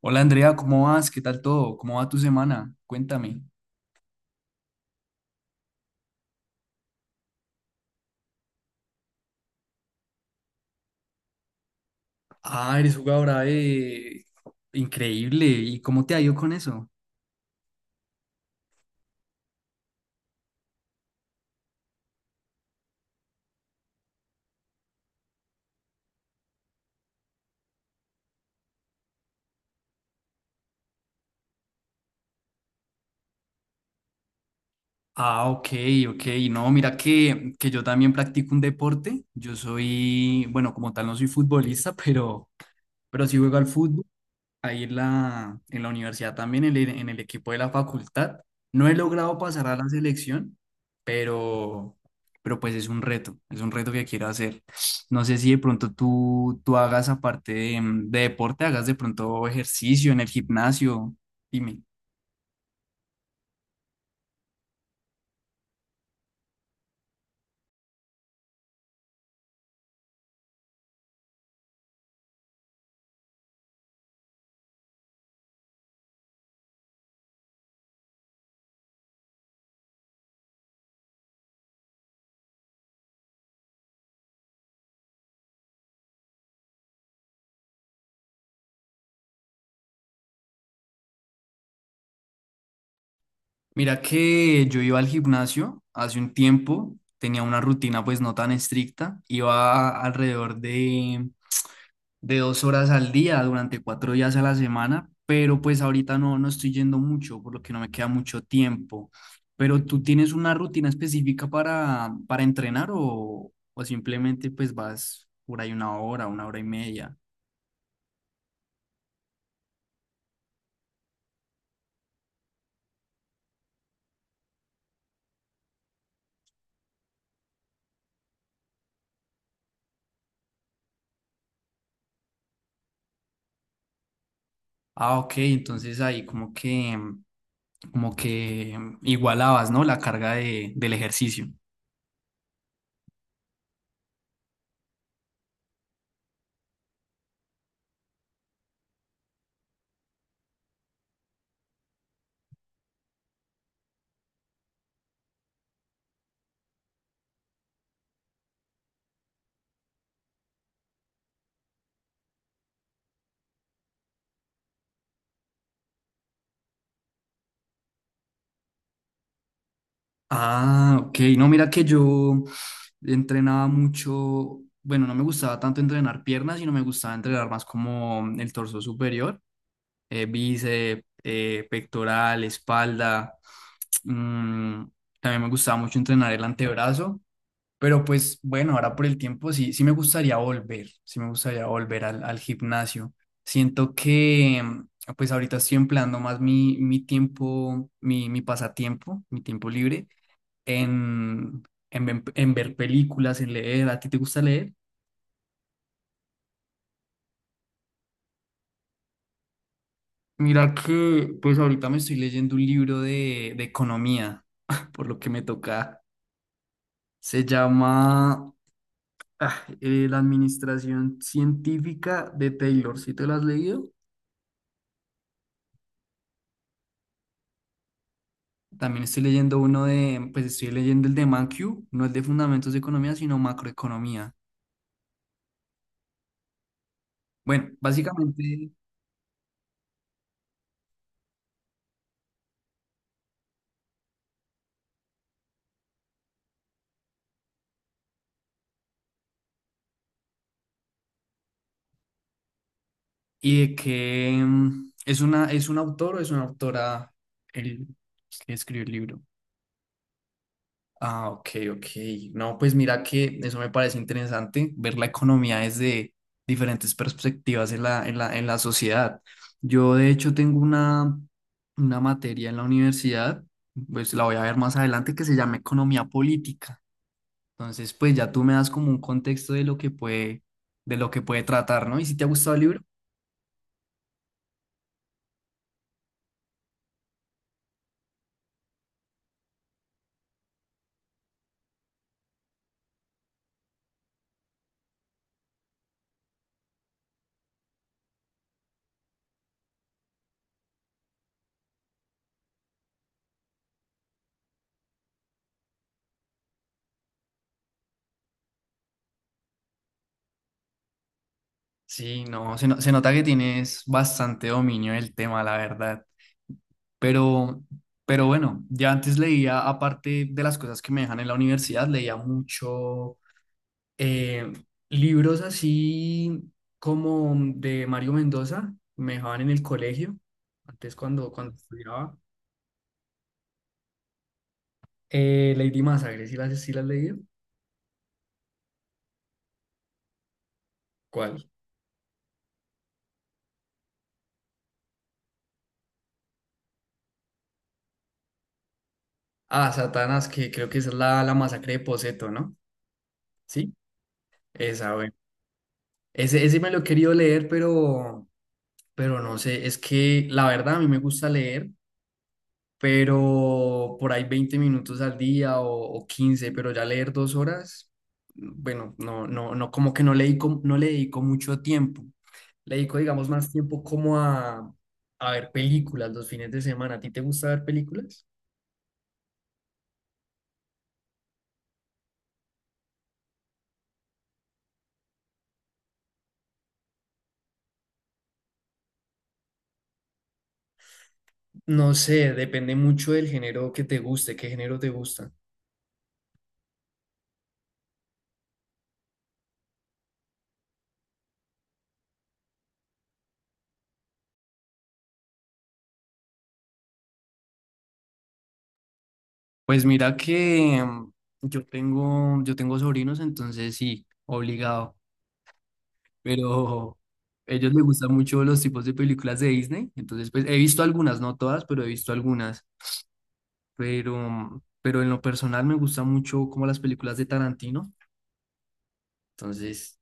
Hola Andrea, ¿cómo vas? ¿Qué tal todo? ¿Cómo va tu semana? Cuéntame. Ah, eres jugadora de... Increíble. ¿Y cómo te ha ido con eso? Ah, ok, ok. No, mira que yo también practico un deporte. Yo soy, bueno, como tal no soy futbolista, pero sí juego al fútbol. Ahí en la universidad también, en el equipo de la facultad. No he logrado pasar a la selección, pero, pero pues es un reto que quiero hacer. No sé si de pronto tú hagas aparte de deporte, hagas de pronto ejercicio en el gimnasio. Dime. Mira que yo iba al gimnasio hace un tiempo, tenía una rutina pues no tan estricta, iba alrededor de dos horas al día durante cuatro días a la semana, pero pues ahorita no, no estoy yendo mucho, por lo que no me queda mucho tiempo. Pero tú tienes una rutina específica para entrenar o simplemente pues vas por ahí una hora y media. Ah, ok, entonces ahí como que igualabas, ¿no? La carga del ejercicio. Ah, ok. No, mira que yo entrenaba mucho, bueno, no me gustaba tanto entrenar piernas, sino me gustaba entrenar más como el torso superior, bíceps, pectoral, espalda. Mm, También me gustaba mucho entrenar el antebrazo, pero pues bueno, ahora por el tiempo sí, sí me gustaría volver, sí me gustaría volver al gimnasio. Siento que pues ahorita estoy empleando más mi tiempo, mi pasatiempo, mi tiempo libre en, en ver películas, en leer. ¿A ti te gusta leer? Mira que pues ahorita me estoy leyendo un libro de economía, por lo que me toca. Se llama La Administración Científica de Taylor. ¿Sí te lo has leído? También estoy leyendo uno de, pues estoy leyendo el de ManQ, no el de Fundamentos de Economía, sino Macroeconomía. Bueno, básicamente, y de que es una, es un autor o es una autora el que escribió el libro. Ah, ok, ok. No, pues mira que eso me parece interesante, ver la economía desde diferentes perspectivas en la sociedad. Yo de hecho tengo una materia en la universidad, pues la voy a ver más adelante, que se llama economía política. Entonces, pues ya tú me das como un contexto de lo que puede, de lo que puede tratar, ¿no? ¿Y si te ha gustado el libro? Sí, no, se nota que tienes bastante dominio del tema, la verdad. Pero, pero bueno, ya antes leía, aparte de las cosas que me dejan en la universidad, leía mucho eh, libros así como de Mario Mendoza, me dejaban en el colegio, antes cuando estudiaba. Lady Masacre, ¿sí las leí? ¿Cuál? Ah, Satanás, que creo que esa es la masacre de Poseto, ¿no? Sí, esa, bueno. Ese me lo he querido leer, pero no sé, es que la verdad a mí me gusta leer pero por ahí 20 minutos al día o 15, pero ya leer dos horas, bueno, no, no, no, como que no le dedico, no le dedico mucho tiempo. Le dedico, digamos, más tiempo como a ver películas los fines de semana. ¿A ti te gusta ver películas? No sé, depende mucho del género que te guste, qué género te gusta. Pues mira que yo tengo sobrinos, entonces sí, obligado. Pero a ellos les gustan mucho los tipos de películas de Disney, entonces pues he visto algunas, no todas, pero he visto algunas, pero en lo personal me gusta mucho como las películas de Tarantino, entonces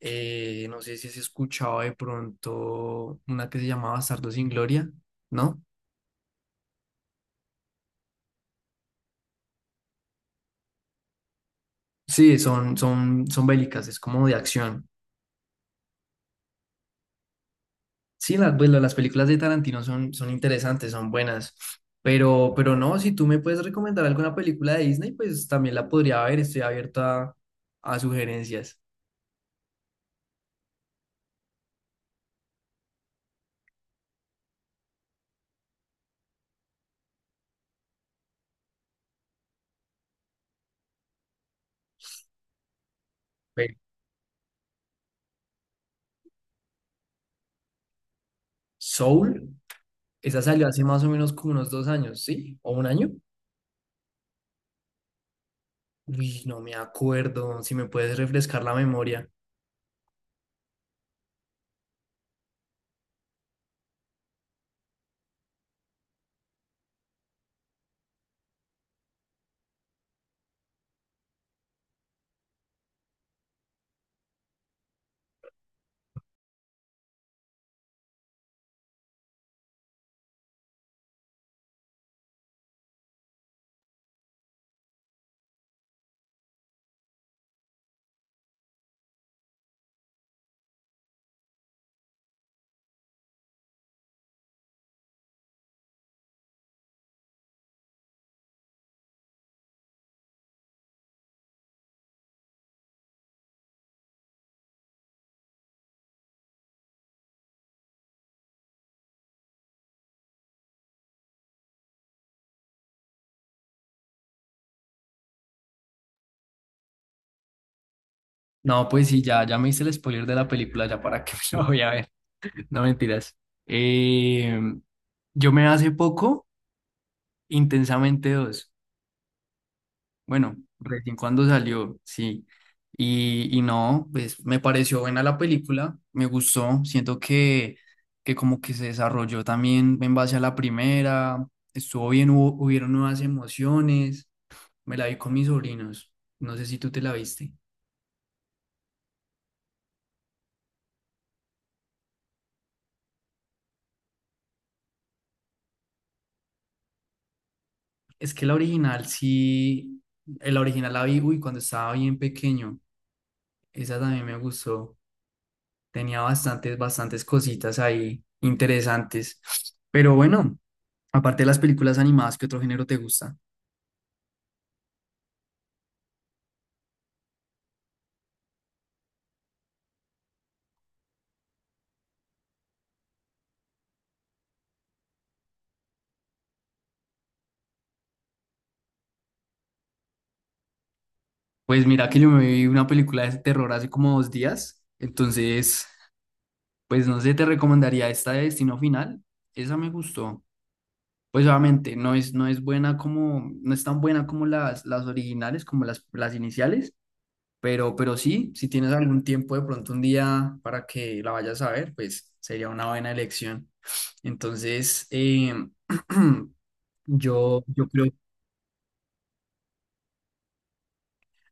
no sé si has escuchado de pronto una que se llamaba Bastardos sin Gloria, ¿no? Sí, son bélicas, es como de acción. Sí, las, pues, las películas de Tarantino son, son interesantes, son buenas, pero no, si tú me puedes recomendar alguna película de Disney, pues también la podría ver, estoy abierto a sugerencias. Ve, Soul, esa salió hace más o menos como unos dos años, ¿sí? ¿O un año? Uy, no me acuerdo, si me puedes refrescar la memoria. No, pues sí, ya, ya me hice el spoiler de la película, ya para que me la voy a ver, no mentiras. Eh, yo me hace poco, Intensamente dos. Bueno, recién cuando salió, sí. Y no, pues me pareció buena la película, me gustó, siento que como que se desarrolló también en base a la primera, estuvo bien, hubo, hubieron nuevas emociones, me la vi con mis sobrinos, no sé si tú te la viste. Es que la original sí, la original la vi, uy, cuando estaba bien pequeño, esa también me gustó. Tenía bastantes, bastantes cositas ahí interesantes. Pero bueno, aparte de las películas animadas, ¿qué otro género te gusta? Pues mira que yo me vi una película de terror hace como dos días. Entonces, pues no sé, te recomendaría esta de Destino Final. Esa me gustó. Pues obviamente no es, no es buena como, no es tan buena como las originales, como las iniciales, pero sí, si tienes algún tiempo de pronto un día para que la vayas a ver, pues sería una buena elección. Entonces, yo, yo creo,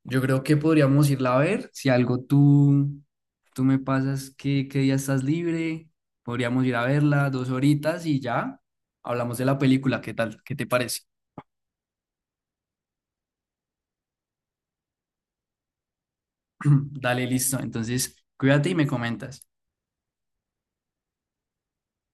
yo creo que podríamos irla a ver. Si algo tú me pasas que, qué día estás libre, podríamos ir a verla dos horitas y ya hablamos de la película. ¿Qué tal? ¿Qué te parece? Dale, listo. Entonces, cuídate y me comentas.